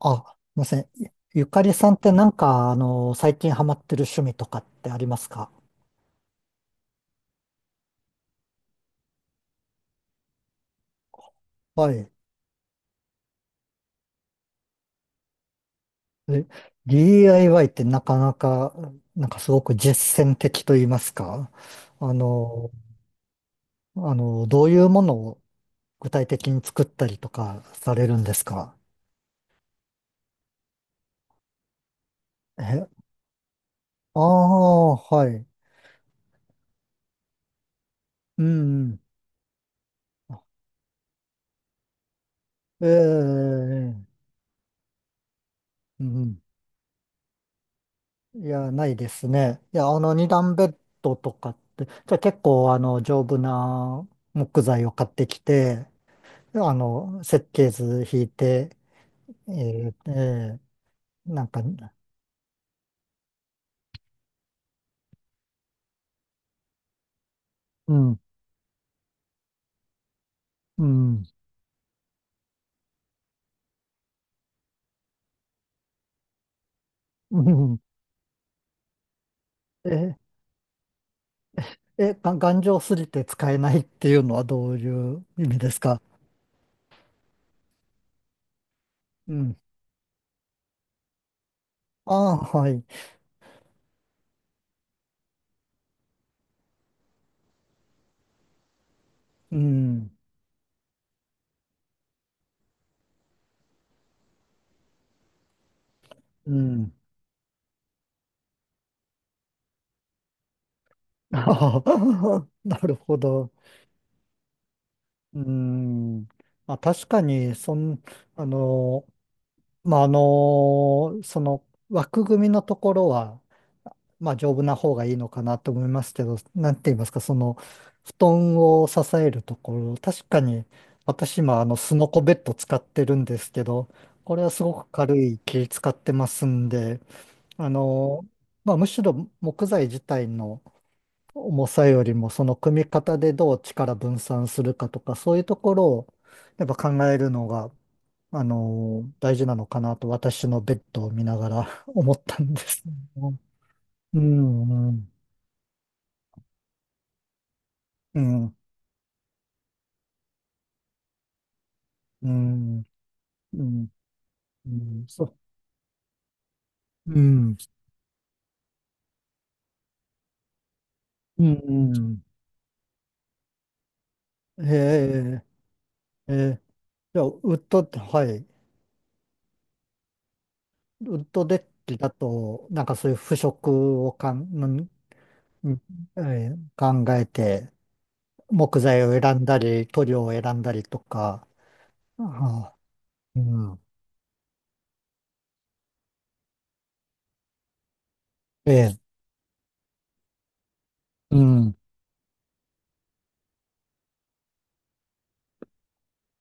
あ、すみません。ゆゆかりさんってなんか、最近ハマってる趣味とかってありますか？はい。え DIY ってなかなか、なんかすごく実践的と言いますか。あの、どういうものを具体的に作ったりとかされるんですか？え、ああ、はい。うん、うん。ええ、うん。いや、ないですね。いや、二段ベッドとかって、じゃあ結構、丈夫な木材を買ってきて、設計図引いて、えーえーなんか、うん、うん、うん、え、が頑丈すぎて使えないっていうのはどういう意味ですか？うん。ああ、はい。うん、うん。ああ なるほど。うん。まあ、確かに、そん、あの、まあ、その枠組みのところは、まあ、丈夫な方がいいのかなと思いますけど、なんて言いますか、その、布団を支えるところ、確かに、私今、スノコベッド使ってるんですけど、これはすごく軽い木使ってますんで、あのまあ、むしろ木材自体の重さよりも、その組み方でどう力分散するかとか、そういうところを、やっぱ考えるのが、大事なのかなと私のベッドを見ながら 思ったんですけど。うん、うん、うん、うん、うん、うん、そう、うん、うん、うん、へえ、ええ、じゃあ、ウッドって、はい、ウッドデッキだと、なんかそういう腐食をかん、んんえー考えて、木材を選んだり、塗料を選んだりとか、ああ、うん、ええ、うん、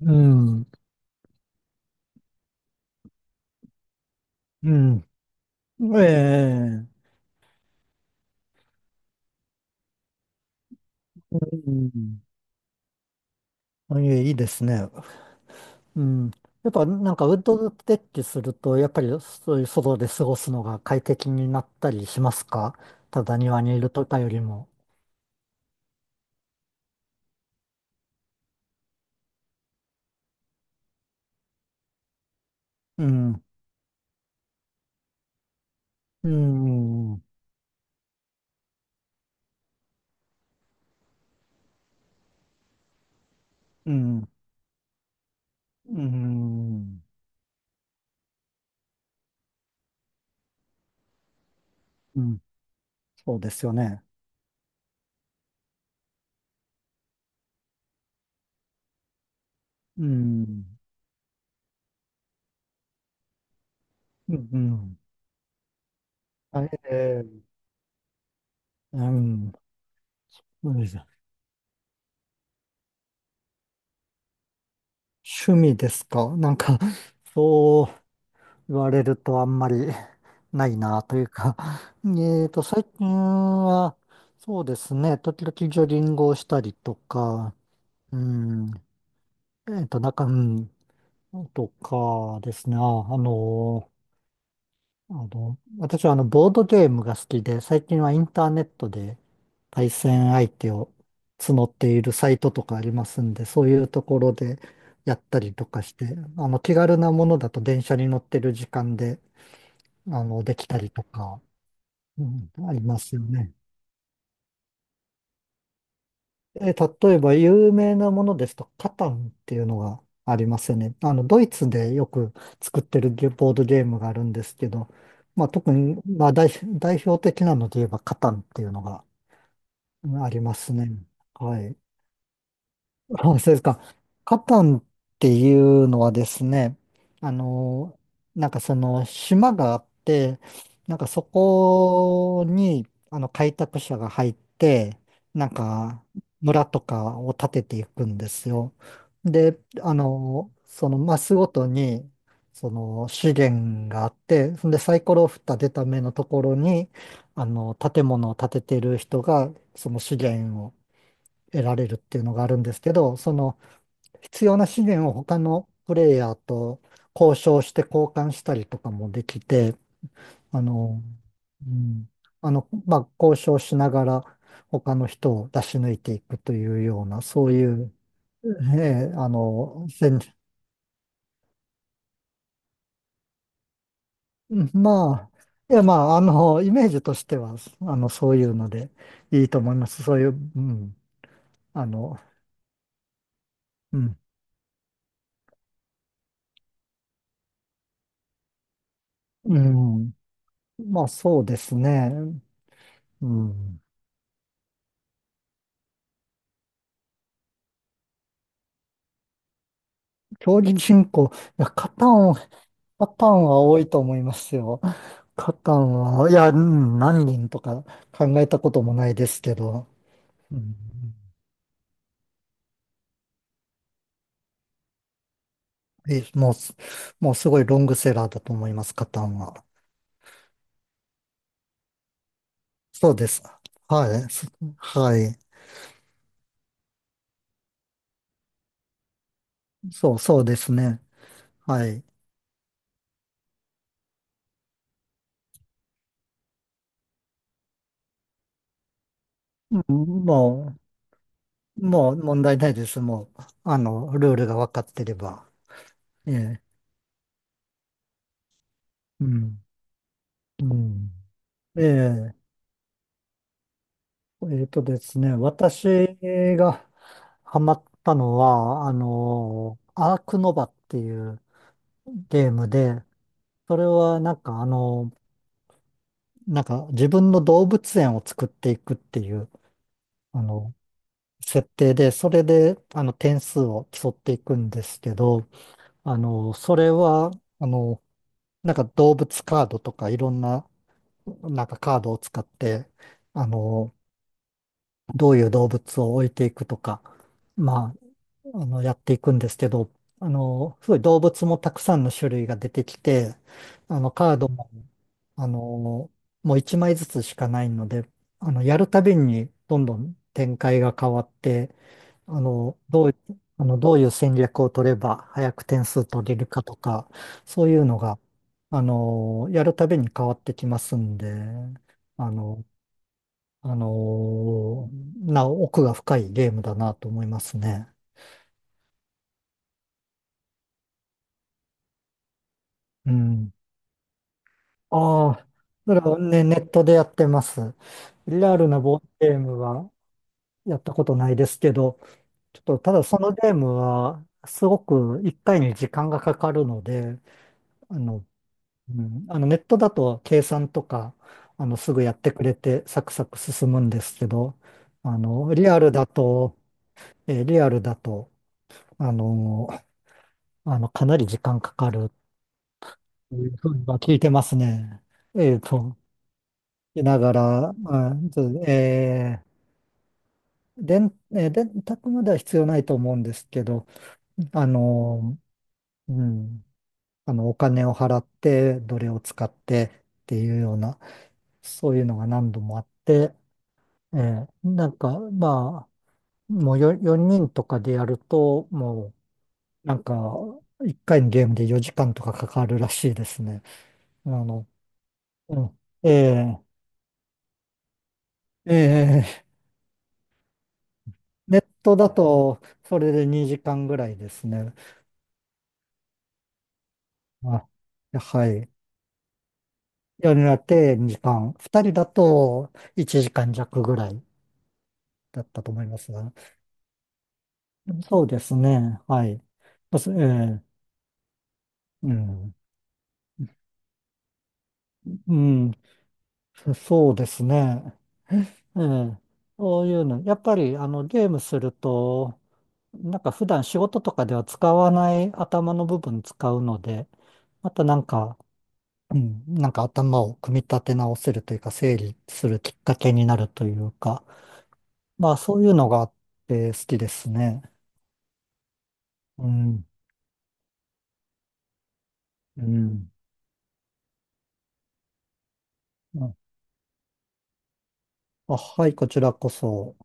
うん、うん、ええ、うん。いいいいですね。うん。やっぱなんかウッドデッキすると、やっぱりそういう外で過ごすのが快適になったりしますか？ただ庭にいるとかよりも。うん。うん。うん。うん。うん。そうですよね。うん。うん。うん、あえー、うん。うん、趣味ですか？なんか、そう。言われるとあんまり ないなというか えっと、最近は、そうですね、時々ジョギングをしたりとか、うん、うん、とかですね、の、私はボードゲームが好きで、最近はインターネットで対戦相手を募っているサイトとかありますんで、そういうところでやったりとかして、気軽なものだと電車に乗ってる時間で、できたりとか、うん、ありますよね。例えば有名なものですと、カタンっていうのがありますよね。ドイツでよく作ってるゲボードゲームがあるんですけど、まあ、特に、まあ、代表的なので言えばカタンっていうのがうん、ありますね。はい。あ、そうですか。カタンっていうのはですね、あの、なんかその島があって、なんかそこにあの開拓者が入って、なんか村とかを建てていくんですよ。で、そのマスごとに、その資源があって、そんでサイコロを振った出た目のところに、建物を建ててる人が、その資源を得られるっていうのがあるんですけど、その、必要な資源を他のプレイヤーと交渉して交換したりとかもできて、あの、うん、まあ、交渉しながら他の人を出し抜いていくというような、そういう、ええ、あの、うん まあ、いや、まあ、イメージとしては、そういうのでいいと思います。そういう、うん、あの、うん、うん、まあ、そうですね。うん、競技人口、いや、カタンは多いと思いますよ。カタンは、いや、うん、何人とか考えたこともないですけど、うん、え、もうす、もうすごいロングセラーだと思います、カタンは。そうです。はい。はい。そう、そうですね。はい。うん、もう、もう問題ないです。もう、ルールが分かってれば。ええ。うん。うん。ええ。えっとですね、私がハマったのは、アークノバっていうゲームで、それはなんかあの、なんか自分の動物園を作っていくっていう、あの、設定で、それで、点数を競っていくんですけど、それは、あの、なんか動物カードとかいろんな、なんかカードを使って、あの、どういう動物を置いていくとか、まあ、やっていくんですけど、すごい動物もたくさんの種類が出てきて、カードも、あの、もう1枚ずつしかないので、やるたびにどんどん展開が変わって、あの、どう、どういう戦略を取れば早く点数取れるかとか、そういうのが、やるたびに変わってきますんで、あの、あの、奥が深いゲームだなと思いますね。うん。ああ、それはね、ネットでやってます。リアルなボードゲームはやったことないですけど、ちょっとただそのゲームはすごく一回に時間がかかるので、あの、うん、ネットだと計算とか、すぐやってくれてサクサク進むんですけど、あの、リアルだと、リアルだと、あの、かなり時間かかるというふうには聞いてますね。えっと、いながら、うん、ず、えー電、えー電卓までは必要ないと思うんですけど、あの、うん、お金を払って、どれを使ってっていうような、そういうのが何度もあって、なんか、まあ、もう4、人とかでやると、もう、なんか、1回のゲームで4時間とかかかるらしいですね。あの、うん、えええネットだと、それで2時間ぐらいですね。あ、はい。夜になって2時間。2人だと1時間弱ぐらいだったと思いますが。そうですね。はい。まず、ええ、うん。うん。そうですね。ええ。そういうの。やっぱり、ゲームすると、なんか普段仕事とかでは使わない頭の部分使うので、またなんか、うん、なんか頭を組み立て直せるというか、整理するきっかけになるというか、まあそういうのがあって好きですね。うん、うん。あ、あ、はい、こちらこそ。